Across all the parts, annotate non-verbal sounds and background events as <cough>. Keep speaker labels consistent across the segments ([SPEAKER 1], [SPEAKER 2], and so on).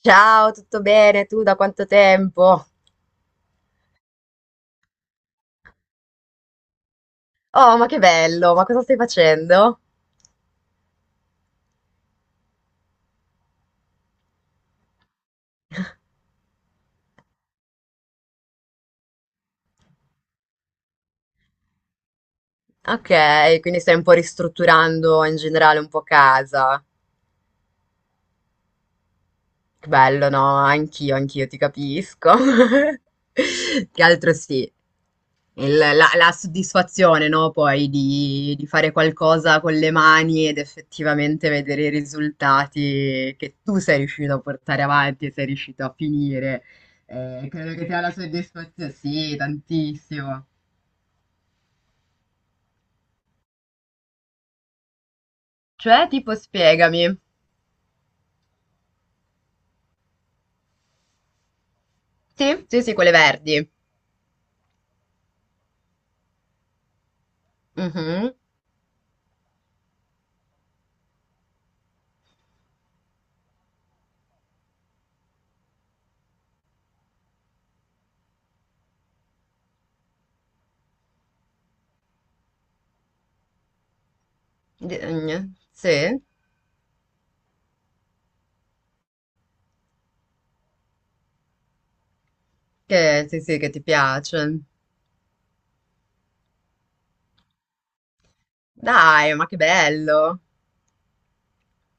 [SPEAKER 1] Ciao, tutto bene? Tu da quanto tempo? Oh, ma che bello, ma cosa stai facendo? Ok, quindi stai un po' ristrutturando in generale un po' casa. Bello, no, anch'io, anch'io ti capisco. <laughs> Che altro sì, la soddisfazione, no, poi di fare qualcosa con le mani ed effettivamente vedere i risultati che tu sei riuscito a portare avanti e sei riuscito a finire. Credo che sia la soddisfazione, sì, tantissimo. Cioè, tipo, spiegami. Sì, sì, sì, quelle verdi. Mhm. Sì, che, sì, sì, che ti piace. Dai, ma che bello!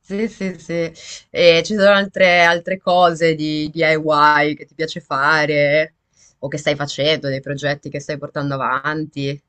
[SPEAKER 1] Sì, sì, sì. E ci sono altre cose di DIY che ti piace fare o che stai facendo, dei progetti che stai portando avanti.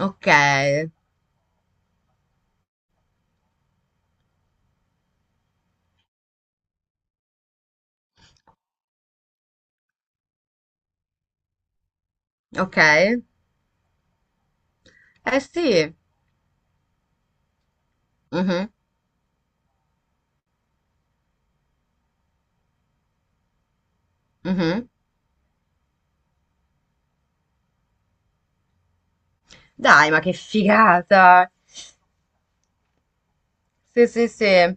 [SPEAKER 1] Ok, ok. Eh sì. Mhm, mhm. Dai, ma che figata! Sì, sì, sì.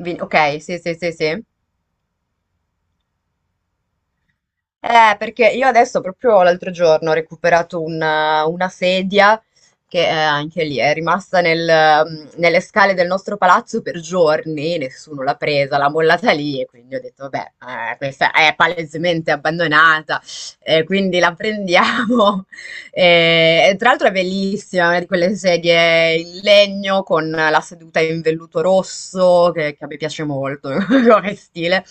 [SPEAKER 1] Ok, sì, sì, sì, sì. Perché io adesso proprio l'altro giorno ho recuperato una sedia che anche lì è rimasta nelle scale del nostro palazzo per giorni, nessuno l'ha presa, l'ha mollata lì e quindi ho detto, beh, questa è palesemente abbandonata, quindi la prendiamo. <laughs> E tra l'altro è bellissima, una di quelle sedie in legno con la seduta in velluto rosso, che a me piace molto <laughs> come stile.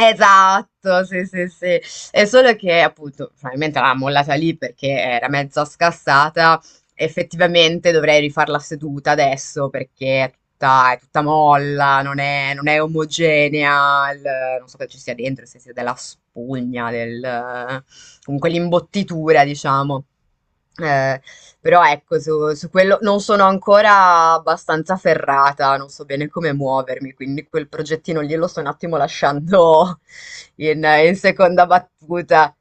[SPEAKER 1] Esatto, sì, sì, sì. È solo che appunto probabilmente l'ha mollata lì perché era mezza scassata. Effettivamente dovrei rifarla seduta adesso perché è tutta molla, non è omogenea. Non so che ci sia dentro, se sia della spugna, del, comunque l'imbottitura, diciamo. Eh, però ecco, su quello non sono ancora abbastanza ferrata, non so bene come muovermi, quindi quel progettino lì lo sto un attimo lasciando <laughs> in seconda battuta.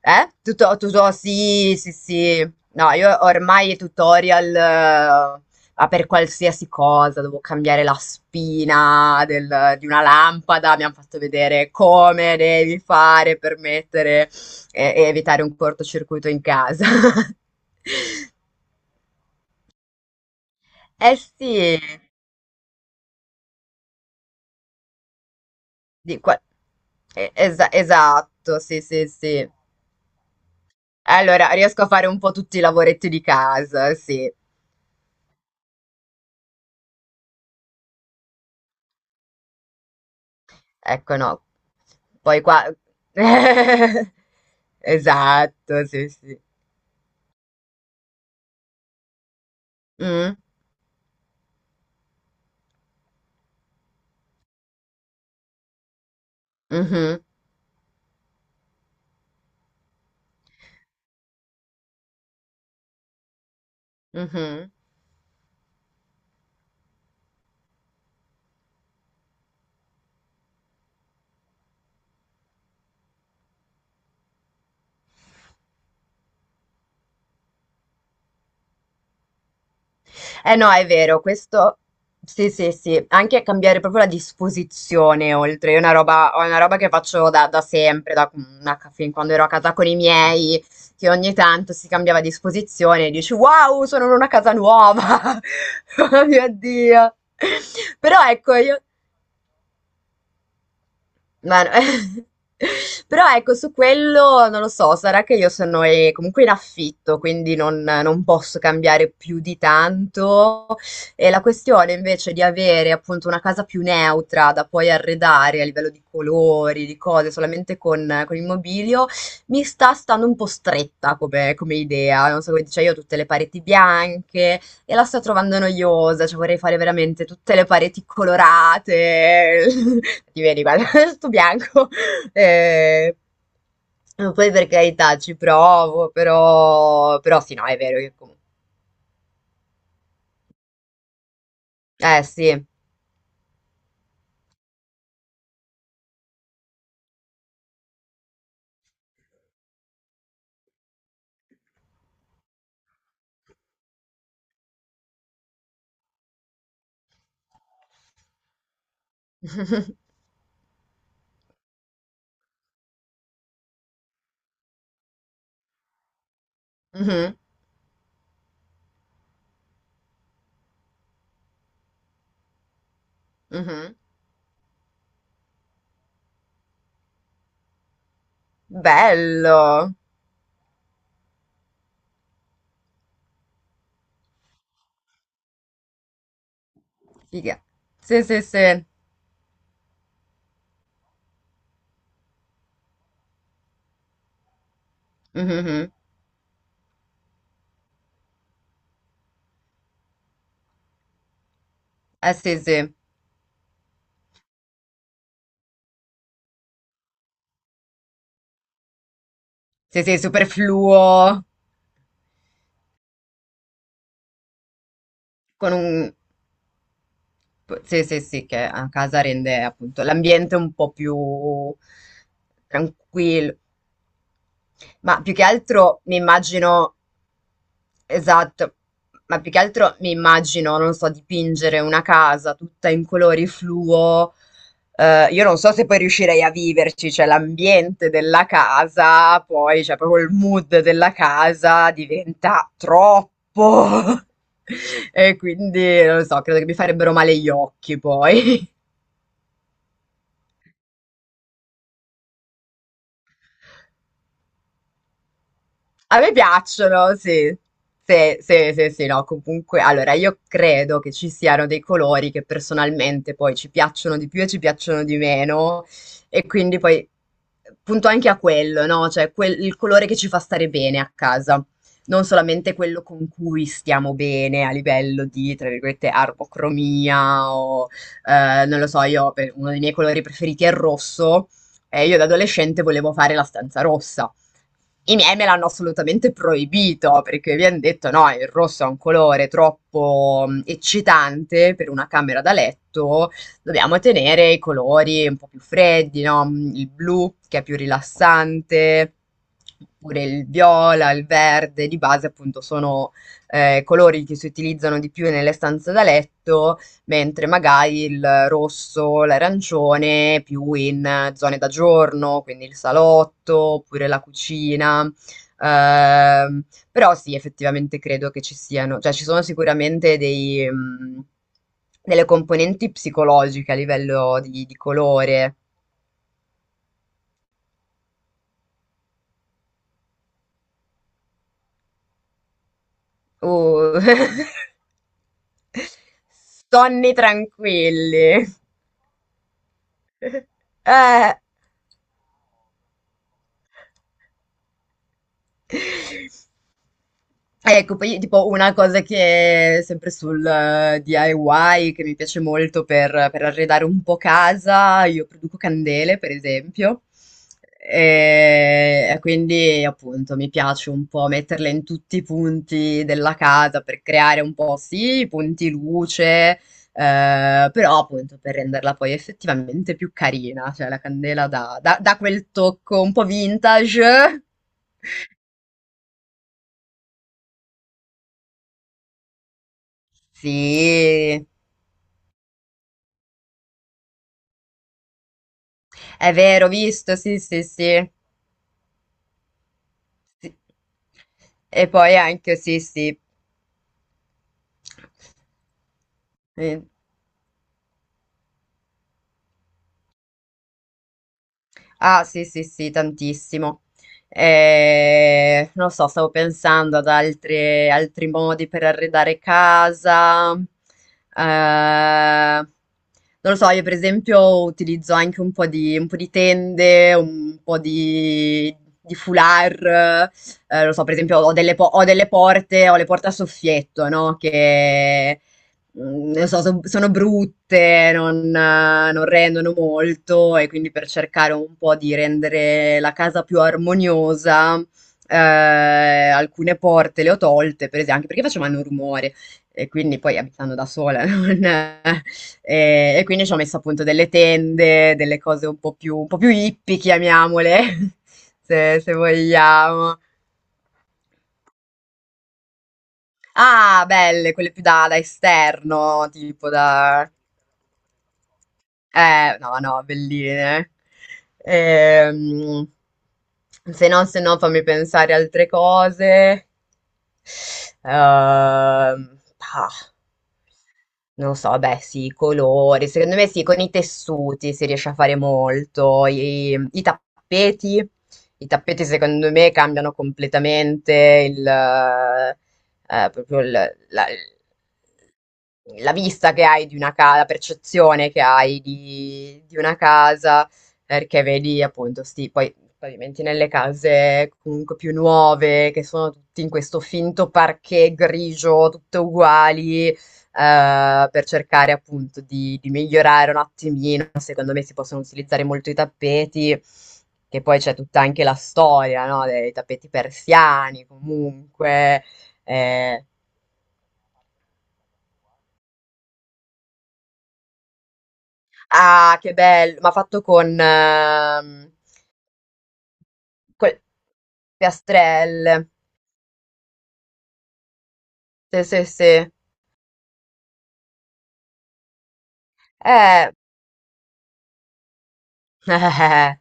[SPEAKER 1] Eh? Tutto, tutto, sì, sì, sì. No, io ormai i tutorial, ma per qualsiasi cosa, devo cambiare la spina di una lampada, mi hanno fatto vedere come devi fare per mettere e evitare un cortocircuito in casa. <laughs> Eh sì, di qua- esatto, sì, sì, sì. Allora, riesco a fare un po' tutti i lavoretti di casa, sì. Ecco, no. Poi qua... <laughs> Esatto, sì, sì. Mm, mhm, mhm. Eh no, è vero, questo sì, sì, sì, anche cambiare proprio la disposizione, oltre, è una roba che faccio da sempre, da fin quando ero a casa con i miei, che ogni tanto si cambiava disposizione e dici wow, sono in una casa nuova, <laughs> oh mio Dio. Però ecco, io... Ma no- <laughs> Però ecco, su quello non lo so, sarà che io sono comunque in affitto, quindi non, non posso cambiare più di tanto. E la questione invece di avere appunto una casa più neutra da poi arredare a livello di colori, di cose, solamente con il mobilio, mi sta stando un po' stretta come, come idea. Non so come dice, io ho tutte le pareti bianche, e la sto trovando noiosa, cioè vorrei fare veramente tutte le pareti colorate, <laughs> ti vedi, guarda, <laughs> sto bianco. Eh, poi per carità ci provo, però, però sì, no, è vero che comunque... Eh sì. <laughs> Mhm, mhm. Bello. Figa. Sì, sì, sì. Mhm, mhm. Eh sì, sì. Sì, sì, superfluo. Con un... Sì, sì, sì, che a casa rende appunto l'ambiente un po' più tranquillo. Ma più che altro mi immagino, esatto, ma più che altro mi immagino, non so, dipingere una casa tutta in colori fluo. Io non so se poi riuscirei a viverci, cioè l'ambiente della casa, poi cioè proprio il mood della casa diventa troppo. <laughs> E quindi non lo so, credo che mi farebbero male gli occhi poi. A me piacciono, sì. Sì, sì, sì, sì, no, comunque, allora io credo che ci siano dei colori che personalmente poi ci piacciono di più e ci piacciono di meno e quindi poi punto anche a quello, no? Cioè il colore che ci fa stare bene a casa, non solamente quello con cui stiamo bene a livello di, tra virgolette, armocromia o, non lo so, uno dei miei colori preferiti è il rosso e io da adolescente volevo fare la stanza rossa. I miei me l'hanno assolutamente proibito perché mi hanno detto: no, il rosso è un colore troppo eccitante per una camera da letto, dobbiamo tenere i colori un po' più freddi, no? Mm, il blu che è più rilassante, oppure il viola, il verde, di base appunto sono colori che si utilizzano di più nelle stanze da letto mentre magari il rosso, l'arancione più in zone da giorno, quindi il salotto oppure la cucina. Ehm, Però sì, effettivamente credo che ci siano, cioè ci sono sicuramente dei, delle componenti psicologiche a livello di colore. Uh. <laughs> Sonni tranquilli. <laughs> Eh. Ecco, poi tipo una cosa che sempre sul DIY che mi piace molto per arredare un po' casa, io produco candele, per esempio. E quindi appunto mi piace un po' metterle in tutti i punti della casa per creare un po', sì, i punti luce, però appunto per renderla poi effettivamente più carina, cioè la candela dà quel tocco un po' vintage. Sì. È vero, ho visto, sì, sì, sì. Sì. E poi anche, sì, sì. Sì. Ah, sì, sì, sì, tantissimo. Non lo so, stavo pensando ad altri modi per arredare casa. Non lo so, io per esempio utilizzo anche un po' un po' di tende, un po' di foulard. Non lo so, per esempio ho delle, ho delle porte, ho le porte a soffietto, no? Che non so, sono brutte, non rendono molto e quindi per cercare un po' di rendere la casa più armoniosa, alcune porte le ho tolte, per ese anche perché facevano rumore e quindi poi abitando da sola <laughs> non e quindi ci ho messo appunto delle tende, delle cose un po' più hippie chiamiamole, <laughs> se vogliamo. Ah, belle, quelle più da da esterno, tipo da. No, no, belline. Ehm, Se no, se no, fammi pensare altre cose. Ehm, ah, Non lo so, beh, sì, i colori. Secondo me sì, con i tessuti si riesce a fare molto. I tappeti. I tappeti, secondo me, cambiano completamente proprio la, la vista che hai di una casa, la percezione che hai di una casa, perché vedi appunto sti, poi pavimenti nelle case comunque più nuove, che sono tutti in questo finto parquet grigio, tutte uguali, per cercare appunto di migliorare un attimino. Secondo me si possono utilizzare molto i tappeti, che poi c'è tutta anche la storia, no? Dei tappeti persiani, comunque. eh, Ah, che bello! Ma fatto con, col piastrelle. Sì, sì, sì. Eh, <laughs> eh, eh, eh.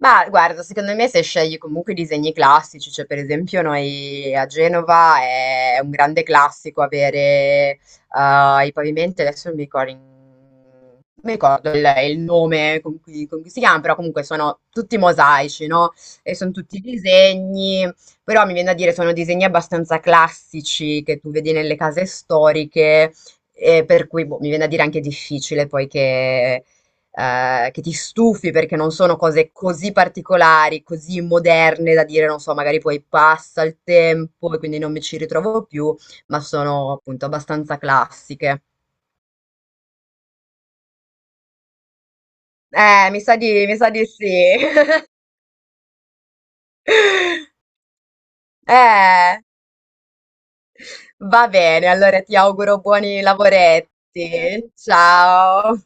[SPEAKER 1] Ma guarda, secondo me se scegli comunque i disegni classici, cioè per esempio noi a Genova è un grande classico avere i pavimenti, adesso non mi ricordo, non mi ricordo il nome con cui si chiama, però comunque sono tutti mosaici, no? E sono tutti disegni, però mi viene da dire sono disegni abbastanza classici che tu vedi nelle case storiche, e per cui boh, mi viene da dire anche difficile poi che ti stufi perché non sono cose così particolari, così moderne da dire, non so, magari poi passa il tempo e quindi non mi ci ritrovo più, ma sono appunto abbastanza classiche. Mi sa di sì. <laughs> Eh, va bene, allora ti auguro buoni lavoretti. Ciao.